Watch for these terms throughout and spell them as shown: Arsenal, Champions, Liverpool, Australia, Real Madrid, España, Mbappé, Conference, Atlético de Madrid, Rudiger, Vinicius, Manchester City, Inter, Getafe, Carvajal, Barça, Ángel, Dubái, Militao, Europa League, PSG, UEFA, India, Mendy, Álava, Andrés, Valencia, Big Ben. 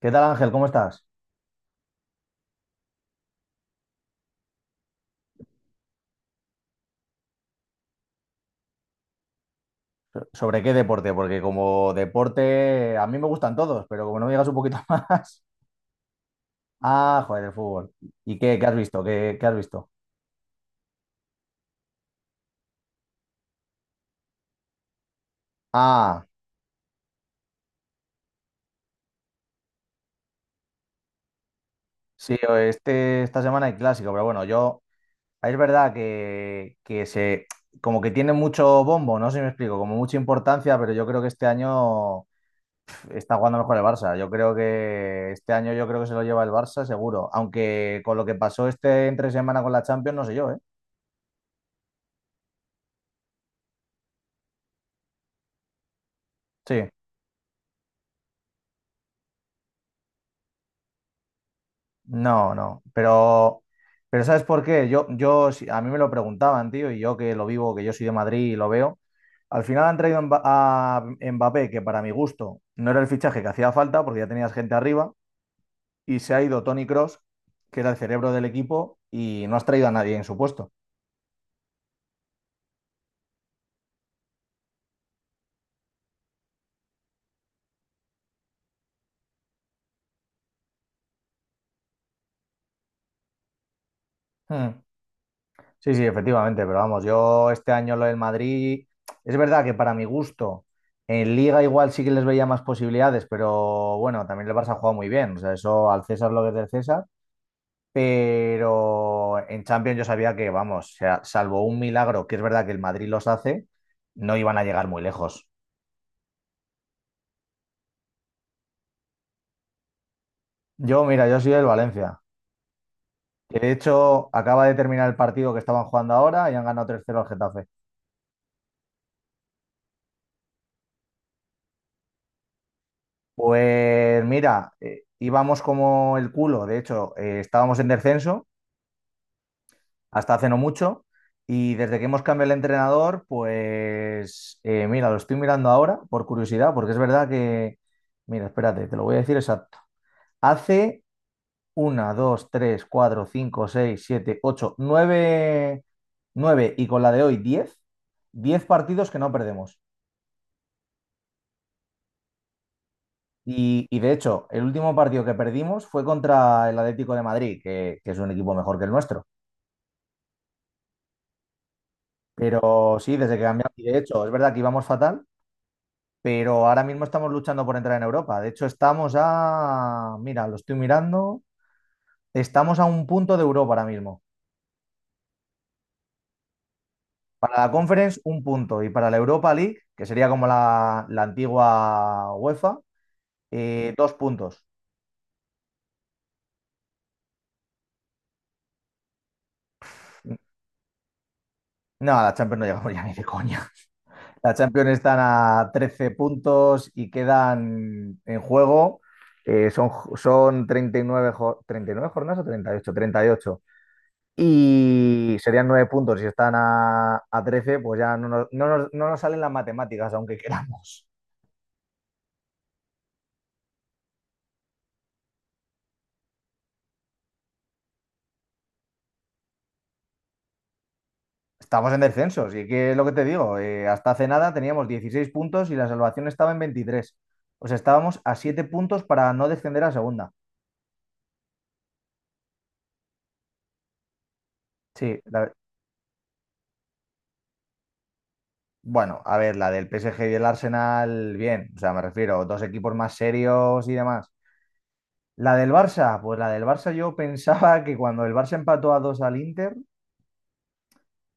¿Qué tal Ángel? ¿Cómo estás? ¿Sobre qué deporte? Porque como deporte a mí me gustan todos, pero como no me digas un poquito más. Ah, joder, el fútbol. ¿Y qué has visto? ¿Qué has visto? Ah, sí, o este, esta semana hay clásico, pero bueno, yo, es verdad que como que tiene mucho bombo, no sé si me explico, como mucha importancia, pero yo creo que este año está jugando mejor el Barça. Yo creo que este año yo creo que se lo lleva el Barça, seguro. Aunque con lo que pasó este entre semana con la Champions, no sé yo, ¿eh? Sí. No, no, pero ¿sabes por qué? Yo, si- a mí me lo preguntaban, tío, y yo que lo vivo, que yo soy de Madrid y lo veo. Al final han traído a a Mbappé, que para mi gusto no era el fichaje que hacía falta, porque ya tenías gente arriba, y se ha ido Tony Cross, que era el cerebro del equipo, y no has traído a nadie en su puesto. Hmm. Sí, sí, efectivamente, pero vamos, yo este año lo del Madrid, es verdad que para mi gusto, en Liga igual sí que les veía más posibilidades, pero bueno, también el Barça ha jugado muy bien, o sea, eso al César lo que es del César, pero en Champions yo sabía que, vamos, o sea, salvo un milagro, que es verdad que el Madrid los hace, no iban a llegar muy lejos. Yo, mira, yo soy del Valencia, que de hecho acaba de terminar el partido que estaban jugando ahora y han ganado 3-0 al Getafe. Pues mira, íbamos como el culo, de hecho, estábamos en descenso hasta hace no mucho y desde que hemos cambiado el entrenador, pues mira, lo estoy mirando ahora por curiosidad, porque es verdad que, mira, espérate, te lo voy a decir exacto. Hace una 2 3 4 5 6 7 8 9 9 y con la de hoy 10 10 partidos que no perdemos. Y de hecho, el último partido que perdimos fue contra el Atlético de Madrid, que es un equipo mejor que el nuestro. Pero sí, desde que cambiamos, y de hecho, es verdad que íbamos fatal, pero ahora mismo estamos luchando por entrar en Europa. De hecho, estamos a, mira, lo estoy mirando, estamos a un punto de Europa ahora mismo. Para la Conference, un punto. Y para la Europa League, que sería como la antigua UEFA, dos puntos. No, a la Champions no llegamos ya ni de coña. La Champions están a 13 puntos y quedan en juego. eh, son, son 39, 39 jornadas o treinta y ocho y serían 9 puntos. Si están a 13, pues ya no nos salen las matemáticas, aunque queramos. Estamos en descensos. Y que es lo que te digo, hasta hace nada teníamos 16 puntos y la salvación estaba en 23. O sea, estábamos a 7 puntos para no descender a segunda. Sí, bueno, a ver, la del PSG y el Arsenal, bien, o sea, me refiero, dos equipos más serios y demás. La del Barça, pues la del Barça yo pensaba que cuando el Barça empató a dos al Inter,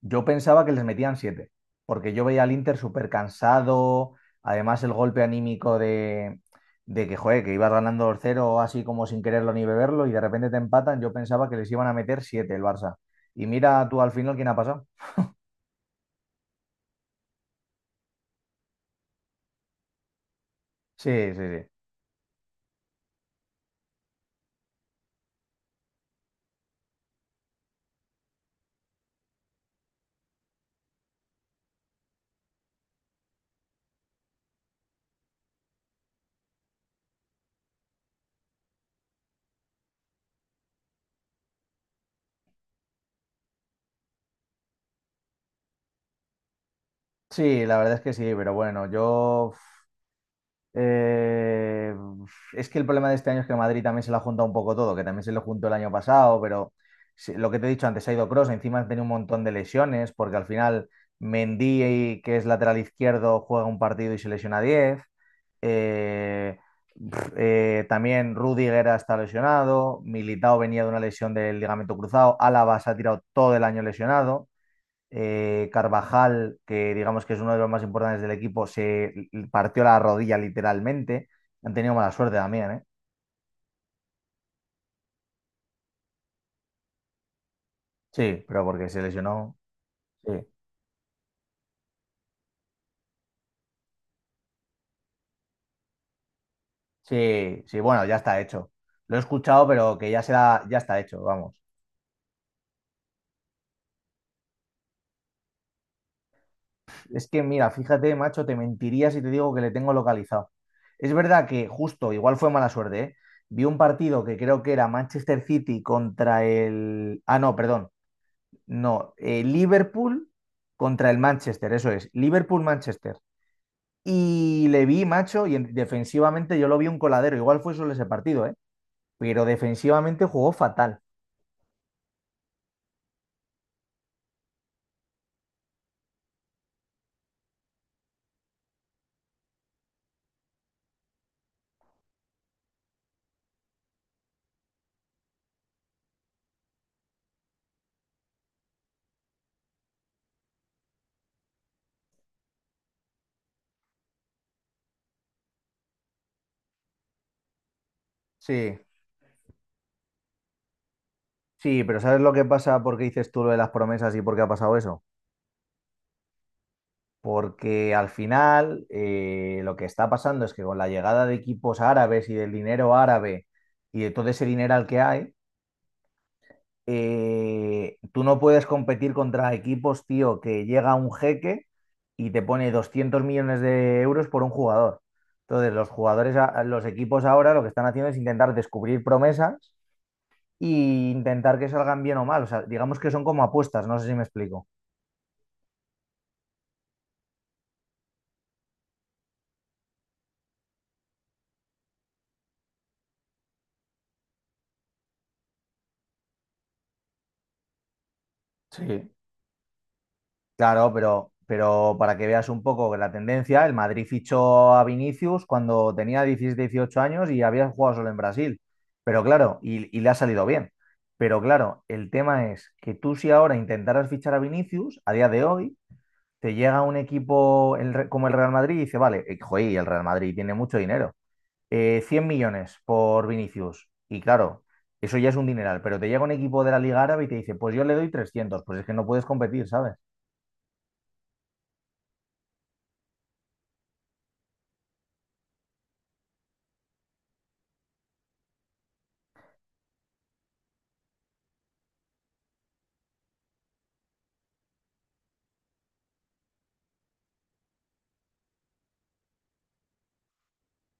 yo pensaba que les metían siete, porque yo veía al Inter súper cansado, además el golpe anímico de que, joder, que ibas ganando 2 cero, así como sin quererlo ni beberlo y de repente te empatan, yo pensaba que les iban a meter siete el Barça. Y mira tú al final quién ha pasado. Sí, sí, sí. Sí, la verdad es que sí, pero bueno, yo Eh, es que el problema de este año es que el Madrid también se lo ha juntado un poco todo, que también se lo juntó el año pasado, pero lo que te he dicho antes, ha ido Kroos, encima ha tenido un montón de lesiones, porque al final Mendy, que es lateral izquierdo, juega un partido y se lesiona diez. Eh, también Rudiger está lesionado, Militao venía de una lesión del ligamento cruzado, Álava se ha tirado todo el año lesionado. Carvajal, que digamos que es uno de los más importantes del equipo, se partió la rodilla literalmente. Han tenido mala suerte también, ¿eh? Sí, pero porque se lesionó. Sí, sí, sí, bueno, ya está hecho. Lo he escuchado, pero que ya será, ya está hecho, vamos. Es que, mira, fíjate, macho, te mentiría si te digo que le tengo localizado. Es verdad que justo, igual fue mala suerte, ¿eh? Vi un partido que creo que era Manchester City contra el. Ah, no, perdón. No, Liverpool contra el Manchester, eso es, Liverpool-Manchester. Y le vi, macho, y defensivamente yo lo vi un coladero, igual fue solo ese partido, ¿eh? Pero defensivamente jugó fatal. Sí, sí, pero ¿sabes lo que pasa? ¿Por qué dices tú lo de las promesas y por qué ha pasado eso? Porque al final lo que está pasando es que con la llegada de equipos árabes y del dinero árabe y de todo ese dinero al que hay, tú no puedes competir contra equipos, tío, que llega un jeque y te pone 200 millones de euros por un jugador. Entonces, los jugadores, los equipos ahora lo que están haciendo es intentar descubrir promesas e intentar que salgan bien o mal. O sea, digamos que son como apuestas, no sé si me explico. Sí. Claro, pero para que veas un poco la tendencia, el Madrid fichó a Vinicius cuando tenía 17, 18 años y había jugado solo en Brasil. Pero claro, y le ha salido bien. Pero claro, el tema es que tú si ahora intentaras fichar a Vinicius, a día de hoy, te llega un equipo como el Real Madrid y dice, vale, joder, y el Real Madrid tiene mucho dinero. 100 millones por Vinicius. Y claro, eso ya es un dineral, pero te llega un equipo de la Liga Árabe y te dice, pues yo le doy 300, pues es que no puedes competir, ¿sabes?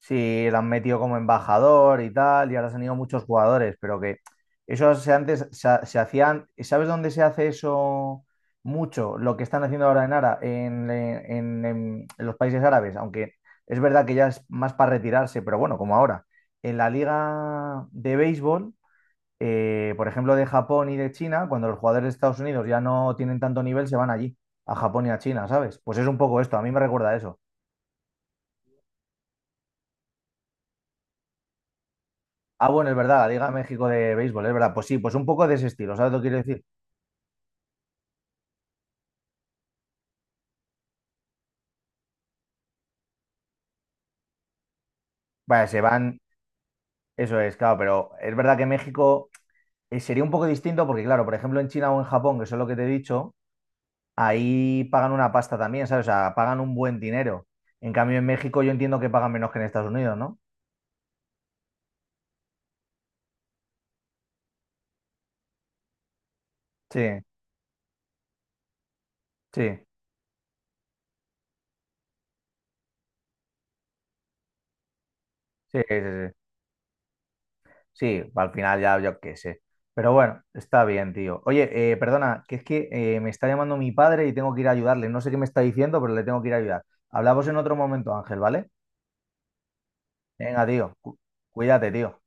Sí, lo han metido como embajador y tal, y ahora se han ido muchos jugadores, pero que eso se antes se, ha- se hacían, ¿sabes dónde se hace eso mucho? Lo que están haciendo ahora en Ara, en los países árabes, aunque es verdad que ya es más para retirarse, pero bueno, como ahora. En la liga de béisbol, por ejemplo, de Japón y de China, cuando los jugadores de Estados Unidos ya no tienen tanto nivel, se van allí, a Japón y a China, ¿sabes? Pues es un poco esto, a mí me recuerda a eso. Ah, bueno, es verdad, la Liga México de béisbol, es verdad. Pues sí, pues un poco de ese estilo, ¿sabes lo que quiero decir? Vale, se van, eso es, claro, pero es verdad que México sería un poco distinto porque, claro, por ejemplo, en China o en Japón, que eso es lo que te he dicho, ahí pagan una pasta también, ¿sabes? O sea, pagan un buen dinero. En cambio, en México yo entiendo que pagan menos que en Estados Unidos, ¿no? Sí, sí, sí, sí, sí. Sí, al final ya yo qué sé. Pero bueno, está bien, tío. Oye, perdona, que es que me está llamando mi padre y tengo que ir a ayudarle. No sé qué me está diciendo, pero le tengo que ir a ayudar. Hablamos en otro momento, Ángel, ¿vale? Venga, tío. Cuídate, tío.